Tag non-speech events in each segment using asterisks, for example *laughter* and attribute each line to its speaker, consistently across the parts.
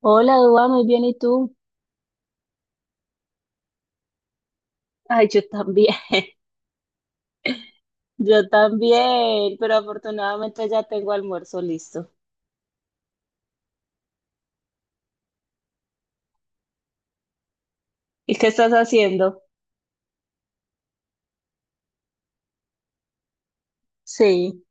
Speaker 1: Hola, Dua, muy bien, ¿y tú? Ay, yo también, *laughs* yo también, pero afortunadamente ya tengo almuerzo listo. ¿Y qué estás haciendo? Sí.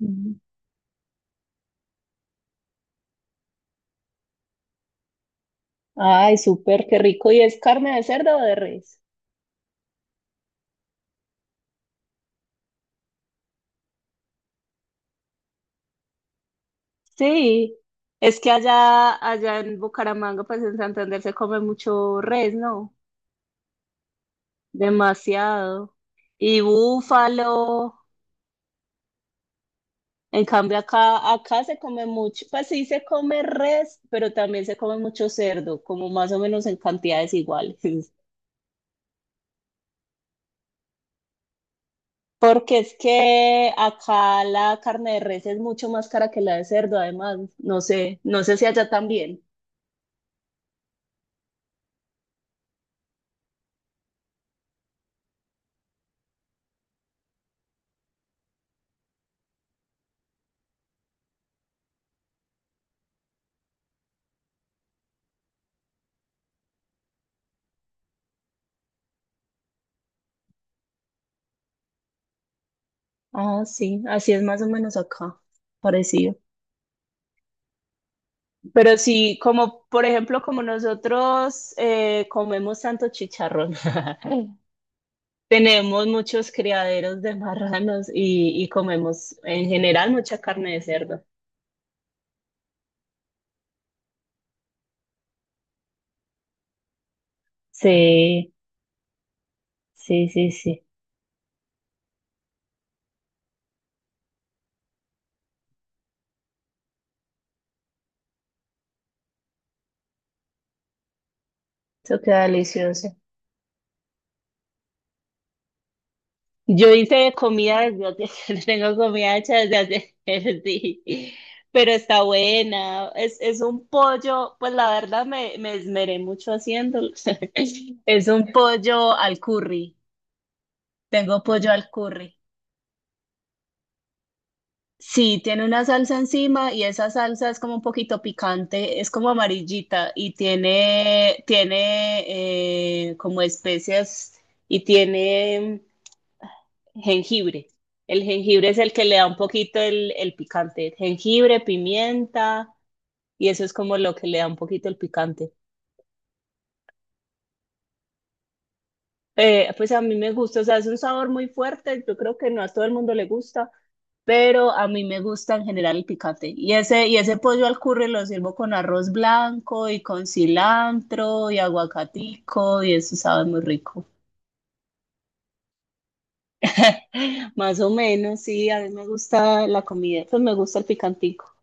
Speaker 1: Ujú. Ay, súper, qué rico. ¿Y es carne de cerdo o de res? Sí, es que allá, allá en Bucaramanga, pues en Santander se come mucho res, ¿no? Demasiado. Y búfalo. En cambio, acá, acá se come mucho, pues sí se come res, pero también se come mucho cerdo, como más o menos en cantidades iguales. *laughs* Porque es que acá la carne de res es mucho más cara que la de cerdo, además. No sé, no sé si allá también. Ah, sí, así es más o menos acá, parecido. Pero sí, como por ejemplo, como nosotros comemos tanto chicharrón. *laughs* Tenemos muchos criaderos de marranos y comemos en general mucha carne de cerdo. Sí, sí, sí, sí. Eso queda delicioso. Yo hice comida desde hace- *laughs* tengo comida hecha desde hace, *laughs* sí, pero está buena. Es un pollo, pues la verdad me, me esmeré mucho haciéndolo. *laughs* Es un pollo al curry. Tengo pollo al curry. Sí, tiene una salsa encima y esa salsa es como un poquito picante, es como amarillita y tiene, tiene como especias y tiene jengibre. El jengibre es el que le da un poquito el picante. Jengibre, pimienta y eso es como lo que le da un poquito el picante. Pues a mí me gusta, o sea, es un sabor muy fuerte, yo creo que no a todo el mundo le gusta. Pero a mí me gusta en general el picante. Y ese pollo al curry lo sirvo con arroz blanco y con cilantro y aguacatico y eso sabe muy rico. *laughs* Más o menos, sí, a mí me gusta la comida, pues me gusta el picantico.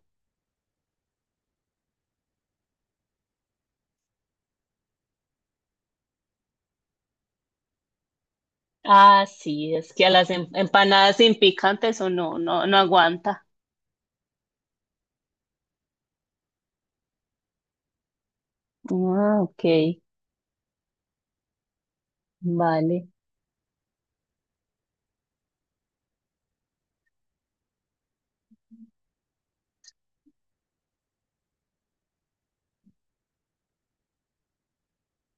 Speaker 1: Ah, sí, es que a las em- empanadas sin picante eso no, no, no aguanta. Ah, ok, vale,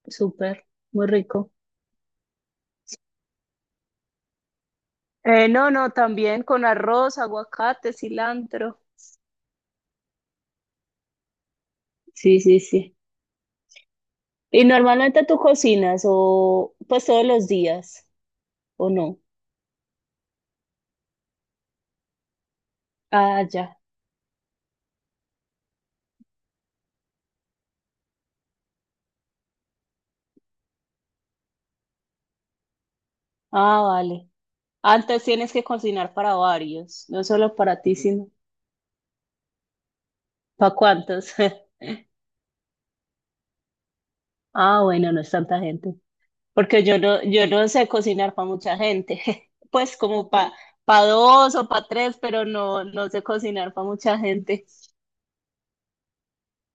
Speaker 1: súper, muy rico. No, no, también con arroz, aguacate, cilantro. Sí, sí, sí. Y normalmente tú cocinas o pues todos los días, ¿o no? Ah, ya. Ah, vale. Antes tienes que cocinar para varios, no solo para ti, sino para cuántos. *laughs* Ah, bueno, no es tanta gente. Porque yo no, yo no sé cocinar para mucha gente. *laughs* Pues como para pa pa dos o para tres, pero no, no sé cocinar para mucha gente.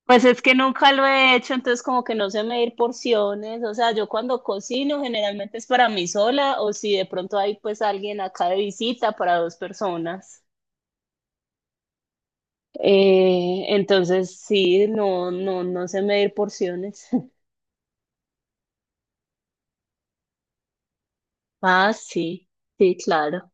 Speaker 1: Pues es que nunca lo he hecho, entonces como que no sé medir porciones, o sea, yo cuando cocino generalmente es para mí sola o si de pronto hay pues alguien acá de visita para dos personas. Entonces sí, no, no, no sé medir porciones. *laughs* Ah, sí, sí, claro.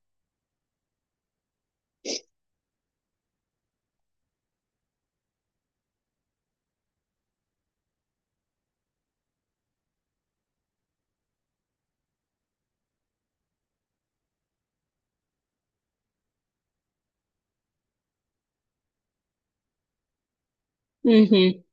Speaker 1: Ujú.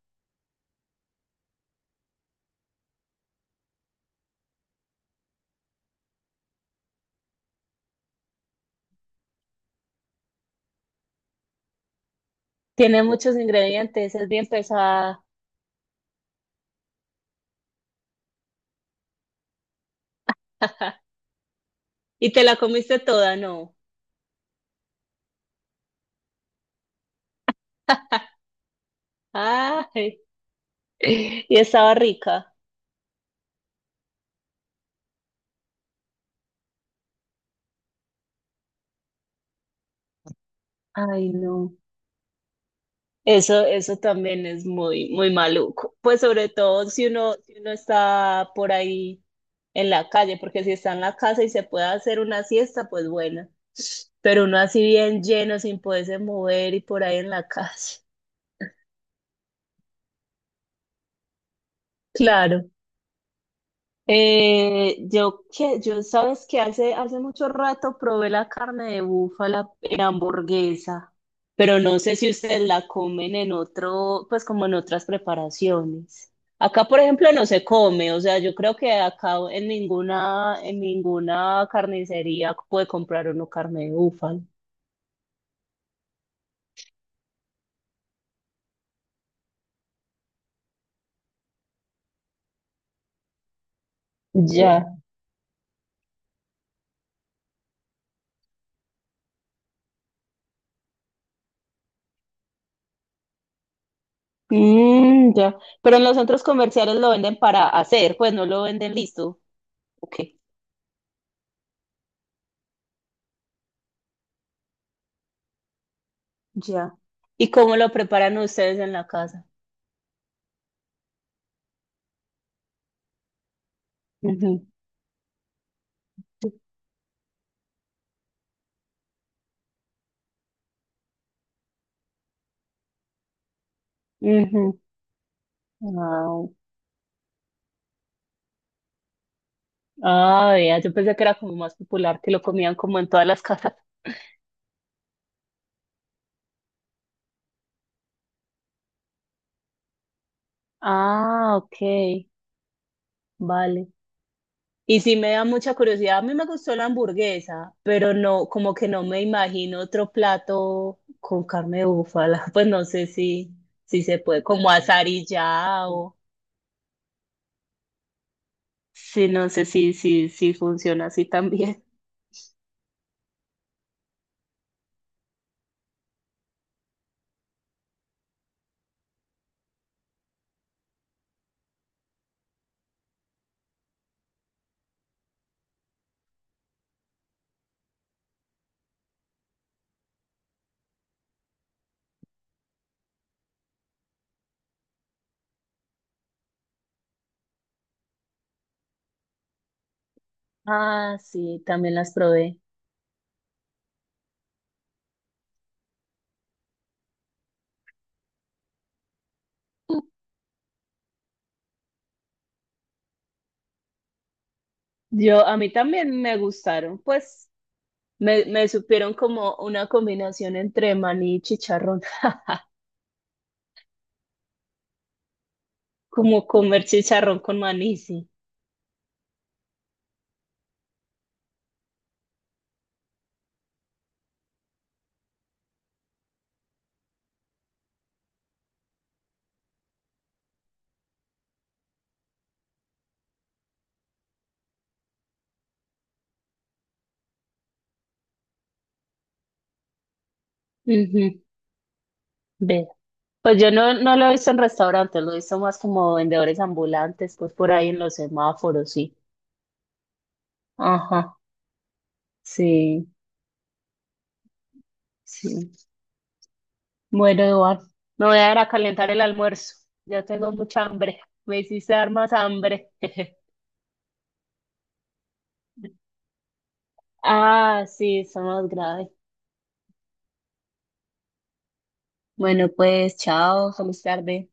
Speaker 1: Tiene muchos ingredientes, es bien pesada. *laughs* Y te la comiste toda, ¿no? Ay, *laughs* y estaba rica. Ay, no. Eso también es muy, muy maluco. Pues sobre todo si uno, si uno está por ahí en la calle, porque si está en la casa y se puede hacer una siesta, pues bueno. Pero uno así bien lleno, sin poderse mover y por ahí en la *laughs* calle. Claro. Yo que yo sabes que hace mucho rato probé la carne de búfala en hamburguesa, pero no sé si ustedes la comen en otro, pues como en otras preparaciones. Acá, por ejemplo, no se come, o sea, yo creo que acá en ninguna carnicería puede comprar uno carne de búfala. Ya. Mm, ya. Pero en los centros comerciales lo venden para hacer, pues no lo venden listo. Ok. Ya. ¿Y cómo lo preparan ustedes en la casa? Ujú, ujú. Ah, ah, vea, yo pensé que era como más popular, que lo comían como en todas las casas. Ah, ok, vale. Y sí me da mucha curiosidad, a mí me gustó la hamburguesa, pero no, como que no me imagino otro plato con carne de búfala, *laughs* pues no sé si, si se puede, como asar y ya, o sí, no sé si, si, si funciona así también. Ah, sí, también las probé. Yo, a mí también me gustaron, pues me supieron como una combinación entre maní y chicharrón, *laughs* como comer chicharrón con maní, sí. Ujú, ve. Pues yo no, no lo he visto en restaurantes, lo he visto más como vendedores ambulantes, pues por ahí en los semáforos, sí. Ajá, sí, sí. Bueno, Eduardo, me voy a ir a calentar el almuerzo. Ya tengo mucha hambre, me hiciste dar más hambre. *laughs* Ah, sí, son más graves. Bueno, pues chao, feliz tarde.